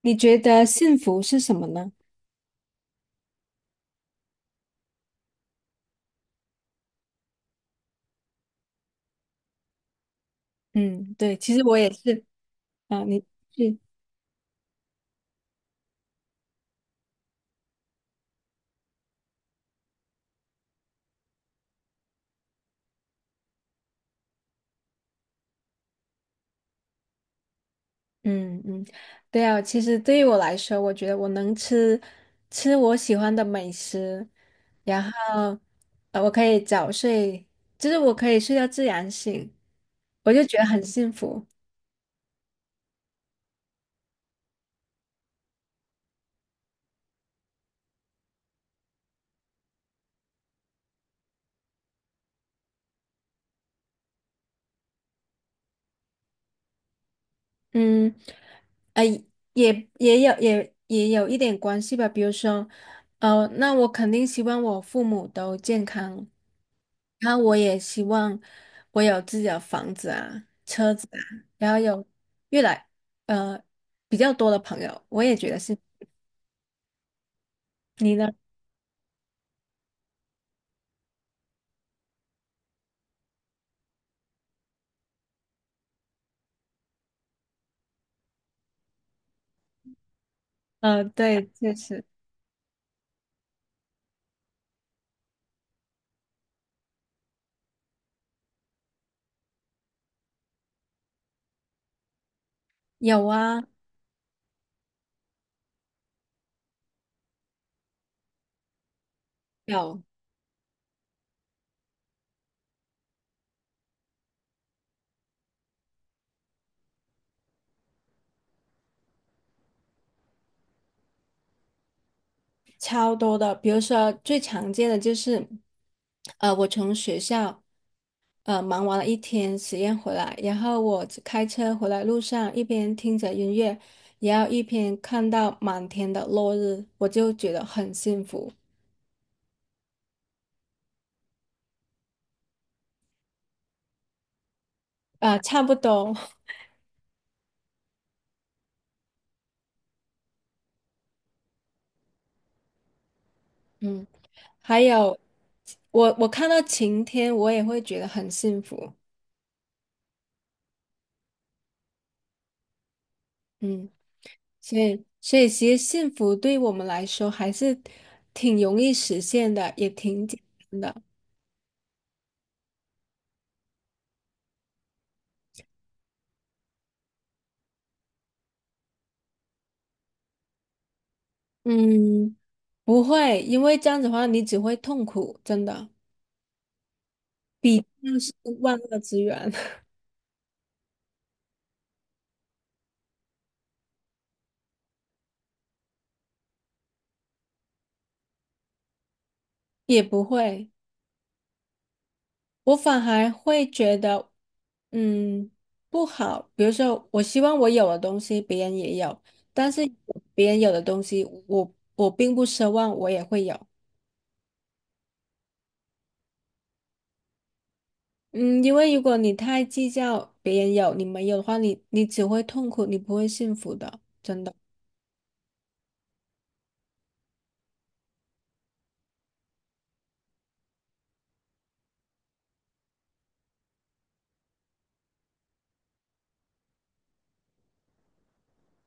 你觉得幸福是什么呢？嗯，对，其实我也是。啊，你是？嗯嗯，对啊，其实对于我来说，我觉得我能吃我喜欢的美食，然后我可以早睡，就是我可以睡到自然醒，我就觉得很幸福。嗯，呃，也有一点关系吧。比如说，那我肯定希望我父母都健康，然后我也希望我有自己的房子啊、车子啊，然后有越来呃比较多的朋友，我也觉得是。你呢？对，确实。有啊，有超多的。比如说最常见的就是，我从学校。忙完了一天实验回来，然后我开车回来路上，一边听着音乐，然后一边看到满天的落日，我就觉得很幸福。啊，差不多。嗯，还有我看到晴天，我也会觉得很幸福。嗯，所以其实幸福对我们来说还是挺容易实现的，也挺简单的。嗯，不会，因为这样子的话你只会痛苦，真的。比那是万恶之源。也不会。我反而会觉得，嗯，不好。比如说，我希望我有的东西别人也有，但是别人有的东西我并不奢望我也会有。嗯，因为如果你太计较别人有你没有的话，你只会痛苦，你不会幸福的，真的。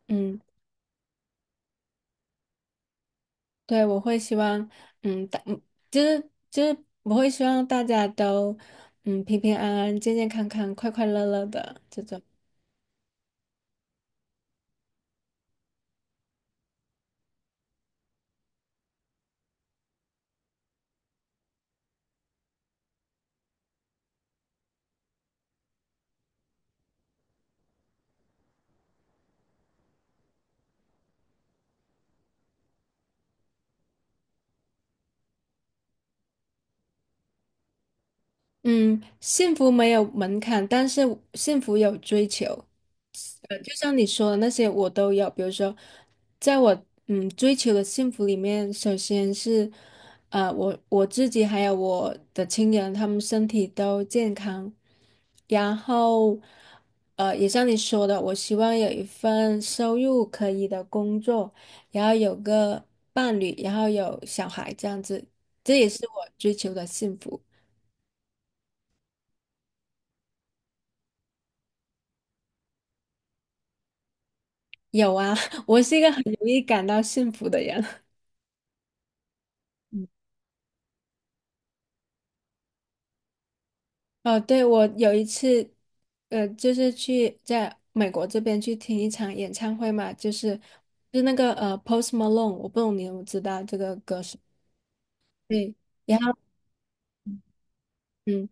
嗯。对，我会希望，嗯，大，嗯就是就是我会希望大家都，嗯，平平安安、健健康康、快快乐乐的这种。嗯，幸福没有门槛，但是幸福有追求。就像你说的那些，我都有。比如说，在我嗯追求的幸福里面，首先是我自己还有我的亲人，他们身体都健康。然后也像你说的，我希望有一份收入可以的工作，然后有个伴侣，然后有小孩，这样子，这也是我追求的幸福。有啊，我是一个很容易感到幸福的人。哦，对，我有一次，就是去在美国这边去听一场演唱会嘛，就是就是那个Post Malone，我不懂你有没有知道这个歌手。对，然后嗯，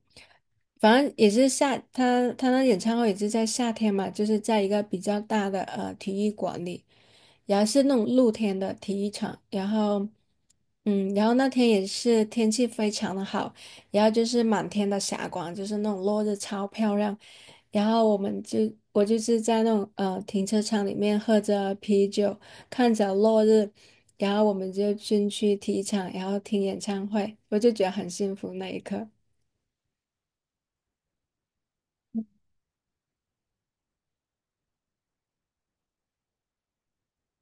反正也是夏，他那演唱会也是在夏天嘛，就是在一个比较大的体育馆里。然后是那种露天的体育场，然后，嗯，然后那天也是天气非常的好，然后就是满天的霞光，就是那种落日超漂亮，然后我就是在那种停车场里面喝着啤酒，看着落日，然后我们就进去体育场，然后听演唱会，我就觉得很幸福那一刻。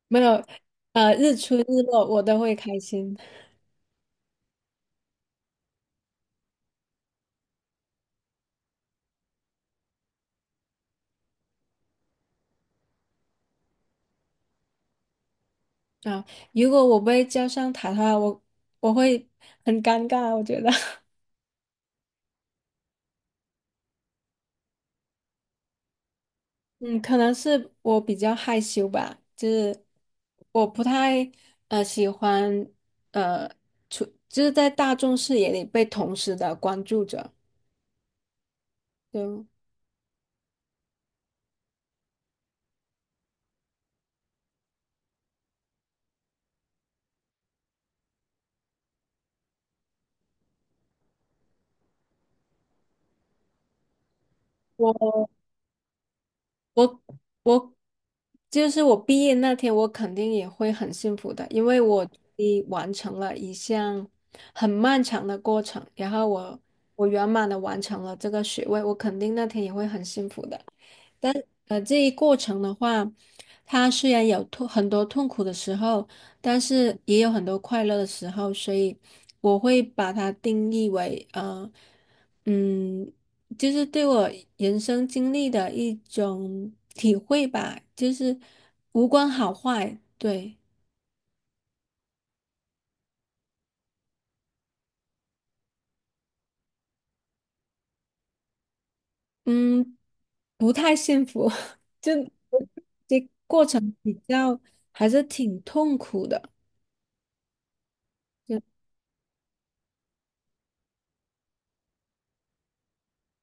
没有，日出日落我都会开心。啊，如果我被叫上台的话，我会很尴尬，我觉得。嗯，可能是我比较害羞吧，就是我不太喜欢呃出，就是在大众视野里被同时的关注着。对。我我我就是我毕业那天，我肯定也会很幸福的，因为我终于完成了一项很漫长的过程，然后我圆满的完成了这个学位，我肯定那天也会很幸福的。但这一过程的话，它虽然很多痛苦的时候，但是也有很多快乐的时候，所以我会把它定义为嗯。就是对我人生经历的一种体会吧，就是无关好坏，对，嗯，不太幸福，就这过程比较还是挺痛苦的，就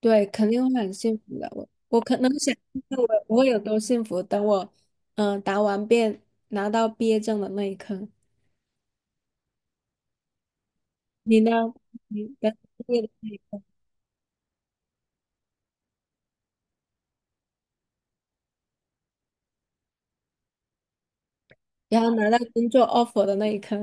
对，肯定会很幸福的。我我可能想象我有多幸福，等我答完辩拿到毕业证的那一刻，你呢？你的毕业的那一刻，然后拿到工作 offer 的那一刻。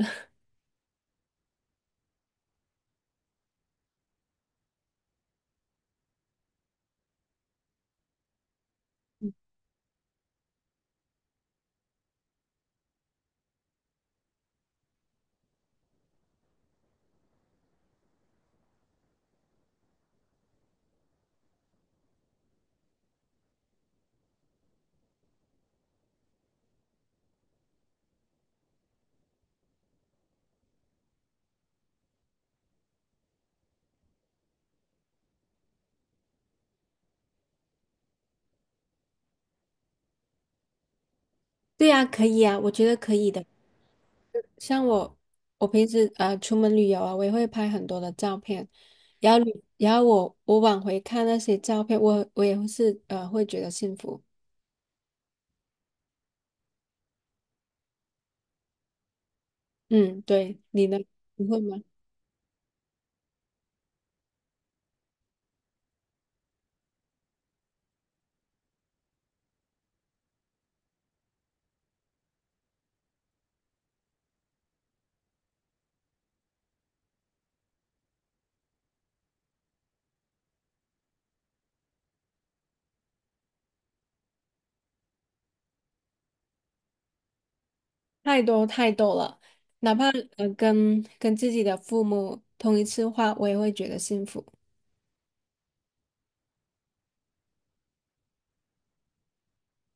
对呀，可以啊，我觉得可以的。像我，我平时出门旅游啊，我也会拍很多的照片，然后然后我往回看那些照片，我也会是会觉得幸福。嗯，对，你呢？你会吗？太多太多了，哪怕跟自己的父母通一次话，我也会觉得幸福。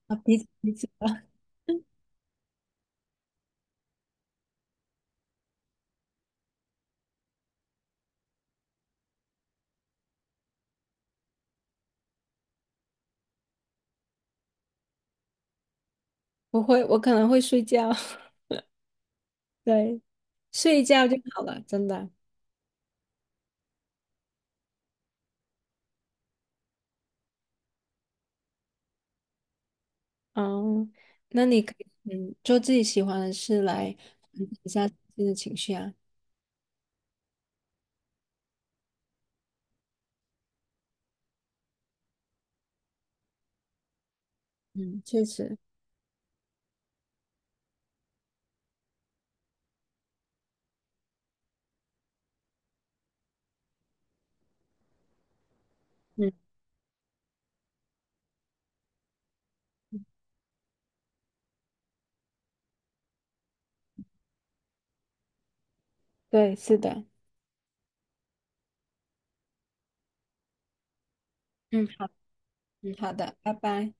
啊，彼此彼此吧。不会，我可能会睡觉。对，睡一觉就好了，真的。哦，那你可以做自己喜欢的事来缓解一下自己的情绪啊。嗯，确实。嗯，对，是的。嗯，好，嗯，好的，拜拜。